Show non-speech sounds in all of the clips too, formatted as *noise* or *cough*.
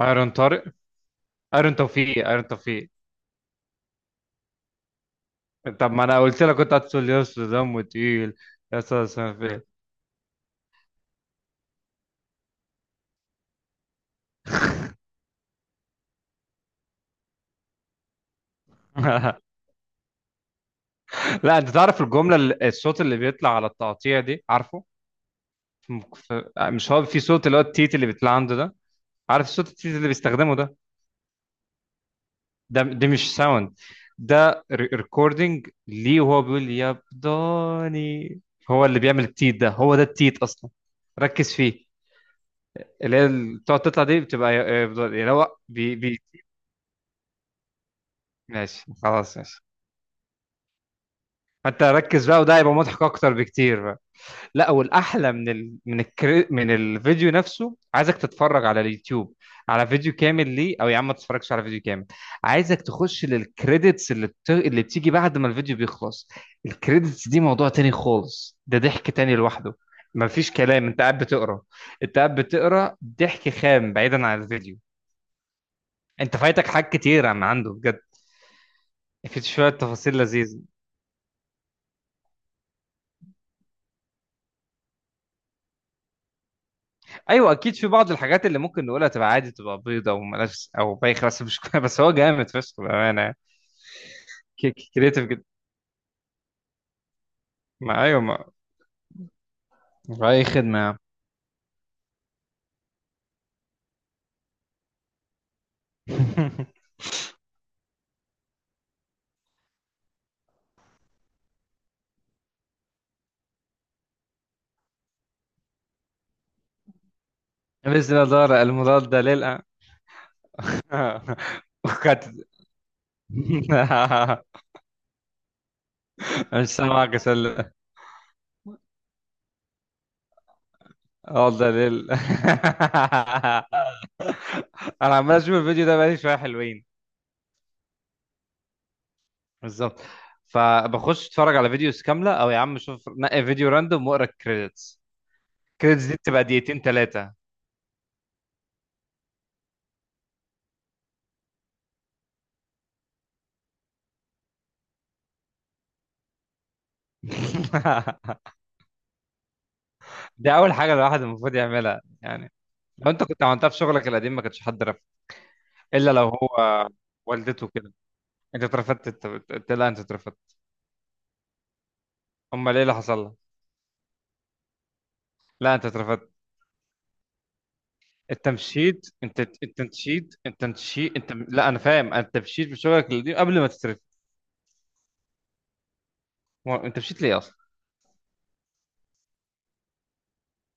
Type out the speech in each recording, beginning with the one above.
ايرون طارق. ايرون توفيق. ايرون توفيق. طب ما انا قلت لك كنت هتقول يا اسطى دمه تقيل، يا اسطى اسمه فين؟ *laughs* لا انت تعرف الجمله الصوت اللي بيطلع على التقطيع دي، عارفه؟ م- ف- مش هو في صوت اللي هو التيت اللي بيطلع عنده ده، عارف صوت التيت اللي بيستخدمه ده؟ ده مش ساوند، ده ريكوردنج ليه وهو بيقول يا بداني، هو اللي بيعمل التيت ده، هو ده التيت اصلا. ركز فيه. اللي هي بتقعد تطلع دي بتبقى اللي هو ماشي خلاص ماشي. فانت ركز بقى وده هيبقى مضحك اكتر بكتير بقى. لا، والاحلى من الفيديو نفسه، عايزك تتفرج على اليوتيوب، على فيديو كامل ليه، او يا عم ما تتفرجش على فيديو كامل، عايزك تخش للكريدتس اللي بتيجي بعد ما الفيديو بيخلص. الكريدتس دي موضوع تاني خالص، ده ضحك تاني لوحده، مفيش كلام، انت قاعد بتقرا، انت قاعد بتقرا ضحك خام بعيدا عن الفيديو، انت فايتك حاجات كتير، عم عنده بجد في شويه تفاصيل لذيذه. ايوه اكيد، في بعض الحاجات اللي ممكن نقولها تبقى عادي، تبقى بيضه وملهاش، او بايخه، بس مش *laughs* بس هو جامد فشخ بامانه. كريتيف جدا. ما ايوه ما اي خدمه يا عم. *laughs* باذن الله دار المضاد للأ *laughs* وقد *laughs* مش سامعك يا سلة. اه ده ليل. *laughs* انا عمال اشوف الفيديو ده بقالي شويه حلوين. بالظبط. فبخش اتفرج على فيديوز كامله، او يا عم شوف نقي فيديو راندوم واقرا الكريدتس. الكريدتس دي بتبقى دقيقتين ثلاثه. *laughs* دي اول حاجه الواحد المفروض يعملها يعني. لو انت كنت عملتها في شغلك القديم ما كنتش حد رفض. الا لو هو والدته كده. انت اترفدت، لا انت اترفدت. امال ايه اللي حصل لها؟ لا انت اترفدت. انت مشيت، انت مشيت، لا انا فاهم، انت مشيت في شغلك القديم قبل ما تترفد. هو انت مشيت ليه اصلا؟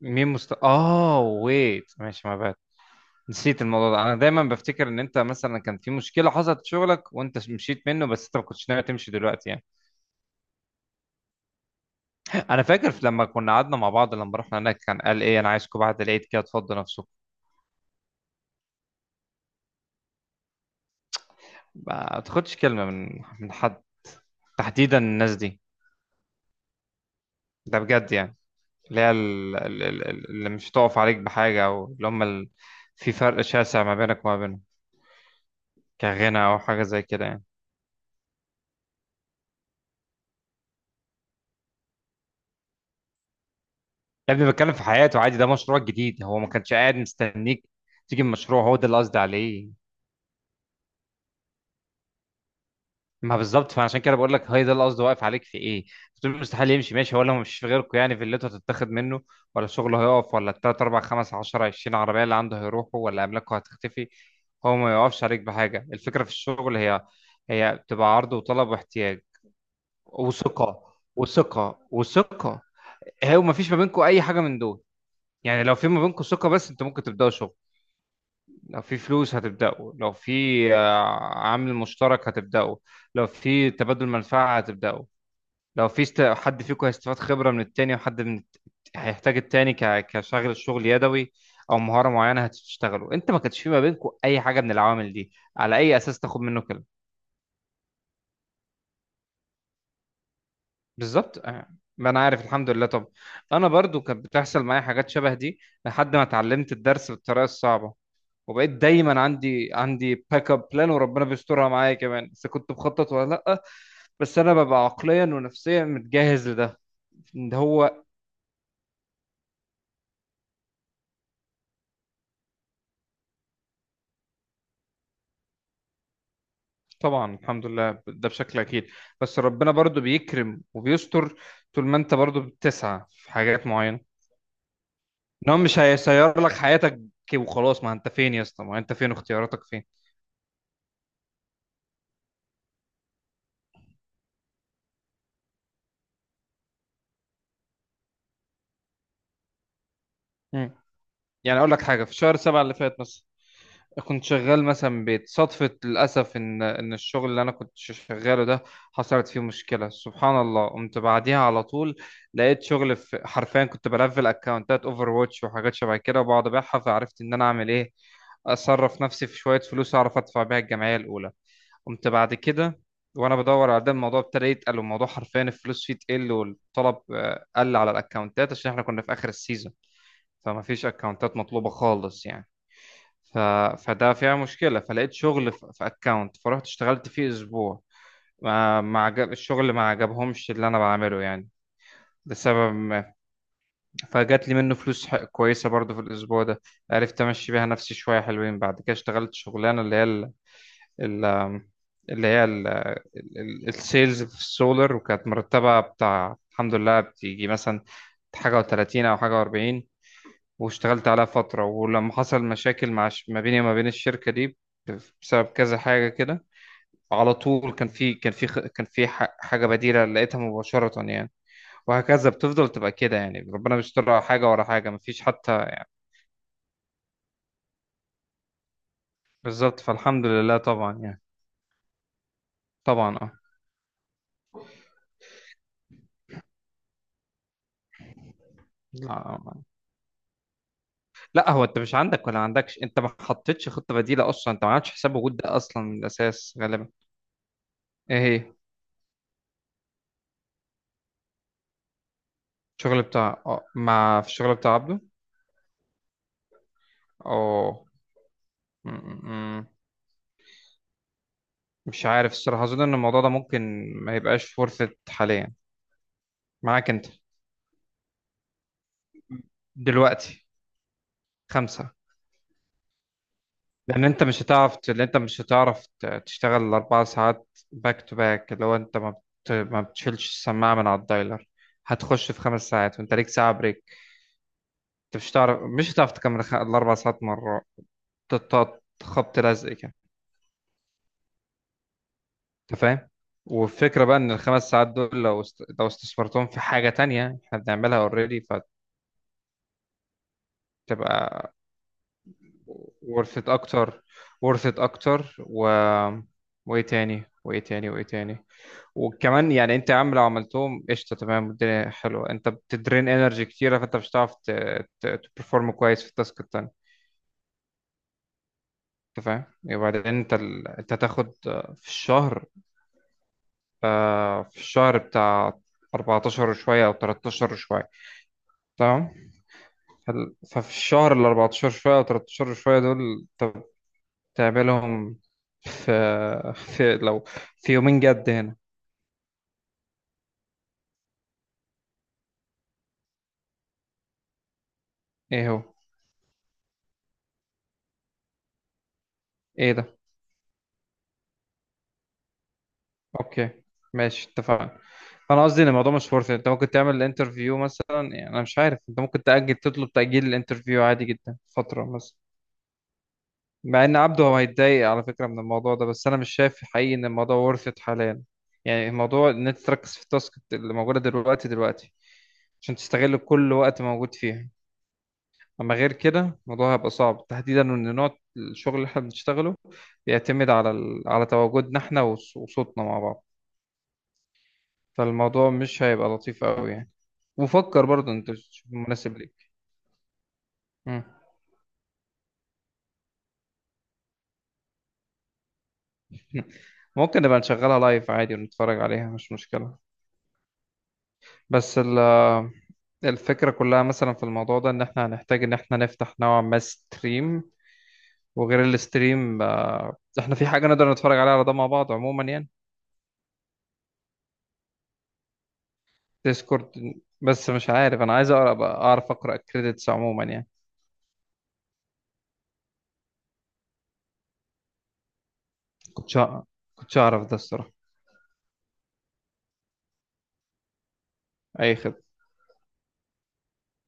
مين مست اه ويت ماشي ما بقى. نسيت الموضوع ده. انا دايما بفتكر ان انت مثلا كان في مشكله حصلت في شغلك وانت مشيت منه، بس انت ما كنتش ناوي تمشي دلوقتي يعني. انا فاكر لما كنا قعدنا مع بعض، لما رحنا هناك كان قال ايه، انا عايزكم بعد العيد كده تفضوا نفسكم. ما تاخدش كلمه من حد، تحديدا الناس دي، ده بجد يعني. اللي هي اللي مش تقف عليك بحاجه، او اللي هم في فرق شاسع ما بينك وما بينهم، كغنى او حاجه زي كده يعني. يا ابني بتكلم في حياته عادي، ده مشروع جديد، هو ما كانش قاعد مستنيك تيجي المشروع، هو ده اللي قصدي عليه. ما بالظبط، فعشان كده بقول لك، هي ده القصد، واقف عليك في ايه؟ بتقول مستحيل يمشي، ماشي، هو لو مش في غيركم يعني في اللي انتوا هتتاخد منه، ولا شغله هيقف، ولا التلات اربع خمس عشرة عشرين عربية اللي عنده هيروحوا، ولا املاكه هتختفي. هو ما يقفش عليك بحاجة. الفكرة في الشغل هي، هي بتبقى عرض وطلب واحتياج وثقة وثقة وثقة. هو ما فيش ما بينكم اي حاجة من دول يعني. لو في ما بينكم ثقة بس، انتوا ممكن تبدأوا شغل. لو في فلوس هتبدأوا. لو في آه، عامل مشترك هتبدأوا. لو في تبادل منفعة هتبدأوا. لو في حد فيكم هيستفاد خبرة من التاني، وحد من هيحتاج التاني كشغل، الشغل يدوي أو مهارة معينة هتشتغلوا. أنت ما كانش في ما بينكم أي حاجة من العوامل دي، على أي أساس تاخد منه كلمة؟ بالظبط آه. ما أنا عارف، الحمد لله. طب أنا برضو كانت بتحصل معايا حاجات شبه دي، لحد ما اتعلمت الدرس بالطريقة الصعبة، وبقيت دايما عندي باك اب بلان، وربنا بيسترها معايا كمان، إذا كنت مخطط ولا لأ، بس أنا ببقى عقليا ونفسيا متجهز لده. إن هو طبعا الحمد لله ده بشكل اكيد، بس ربنا برضو بيكرم وبيستر طول ما انت برضو بتسعى في حاجات معينه، ان هو مش هيسير لك حياتك كي وخلاص. ما انت فين يا اسطى؟ ما انت فين؟ اختياراتك فين؟ مم. يعني اقول لك حاجه، في شهر سبعة اللي فات مثلا كنت شغال مثلا من بيت صدفه، للاسف ان الشغل اللي انا كنت شغاله ده حصلت فيه مشكله، سبحان الله قمت بعديها على طول، لقيت شغل في، حرفيا كنت بلفل اكونتات اوفر واتش وحاجات شبه كده وبقعد ابيعها، فعرفت ان انا اعمل ايه، اصرف نفسي في شويه فلوس اعرف ادفع بيها الجمعيه الاولى. قمت بعد كده وانا بدور على ده الموضوع، ابتدى يتقل الموضوع حرفيا، الفلوس فيه تقل والطلب قل على الاكونتات عشان احنا كنا في اخر السيزون. فما فيش اكونتات مطلوبة خالص يعني. ف... فده فيها مشكلة، فلقيت شغل في في اكونت، فرحت اشتغلت فيه اسبوع، ما ما عجب الشغل، ما عجبهمش اللي انا بعمله يعني، لسبب ما. فجات لي منه فلوس كويسة برضو في الأسبوع ده، عرفت أمشي بيها نفسي شوية حلوين. بعد كده اشتغلت شغلانة اللي هي ال- اللي هي السيلز في السولر، وكانت مرتبة بتاع الحمد لله بتيجي مثلا حاجة و30 أو حاجة و40. واشتغلت عليها فترة، ولما حصل مشاكل مع ما بيني وما بين الشركة دي، بسبب كذا حاجة كده. على طول كان في، حاجة بديلة لقيتها مباشرة يعني. وهكذا بتفضل تبقى كده يعني، ربنا بيستر على حاجة ورا حاجة مفيش حتى. بالظبط، فالحمد لله طبعا يعني. طبعا اه. لا لا، هو انت مش عندك ولا عندكش، انت ما حطيتش خطة بديلة اصلا، انت ما عملتش حساب وجود ده اصلا من الاساس غالبا. ايه هي؟ الشغل بتاع اه، مع، في الشغل بتاع عبده. اه. مش عارف الصراحة، أظن إن الموضوع ده ممكن ما يبقاش ورثة حاليا معاك أنت دلوقتي. خمسة. لأن أنت مش هتعرف لأن أنت مش هتعرف تشتغل الأربع ساعات باك تو باك، اللي هو أنت ما بتشيلش السماعة من على الدايلر. هتخش في خمس ساعات وأنت ليك ساعة بريك. أنت مش هتعرف تكمل الأربع ساعات مرة، تقطع خبط لزق كده. أنت فاهم؟ والفكرة بقى إن الخمس ساعات دول لو لو استثمرتهم في حاجة تانية إحنا بنعملها أوريدي، فتبقى worth it اكتر. worth it اكتر و وايه تاني. وكمان يعني انت يا عم لو عملتهم قشطه تمام، الدنيا حلوه، انت بتدرين انرجي كتيره، فانت مش هتعرف تبرفورم كويس في التاسك التاني. انت فاهم؟ وبعدين انت انت هتاخد في الشهر، في الشهر بتاع 14 وشويه او 13 وشويه، تمام؟ ففي الشهر ال 14 شويه او 13 شويه دول، انت تعملهم في، في لو في يومين جد هنا. ايه هو؟ ايه ده؟ اوكي، ماشي اتفقنا. انا قصدي ان الموضوع مش فرصة، انت ممكن تعمل الانترفيو مثلا، يعني انا مش عارف، انت ممكن تأجل، تطلب تأجيل الانترفيو عادي جدا فترة مثلا. مع ان عبده هو هيتضايق على فكرة من الموضوع ده، بس انا مش شايف حقيقي ان الموضوع ورثة حاليا، يعني الموضوع ان انت تركز في التاسك اللي موجودة دلوقتي عشان تستغل كل وقت موجود فيها. اما غير كده الموضوع هيبقى صعب، تحديدا ان نوع الشغل اللي احنا بنشتغله بيعتمد على على تواجدنا احنا وصوتنا مع بعض. فالموضوع مش هيبقى لطيف قوي يعني. وفكر برضه انت تشوف المناسب ليك. مم. *laughs* ممكن نبقى نشغلها لايف عادي ونتفرج عليها، مش مشكلة. بس الفكرة كلها مثلا في الموضوع ده، ان احنا هنحتاج ان احنا نفتح نوعا ما ستريم، وغير الستريم احنا في حاجة نقدر نتفرج عليها على ده مع بعض عموما يعني. ديسكورد. بس مش عارف، انا عايز اقرا، أبقى اعرف اقرا الكريدتس عموما يعني. كنتش أع- كنتش اعرف ده الصراحه. اي خدمه.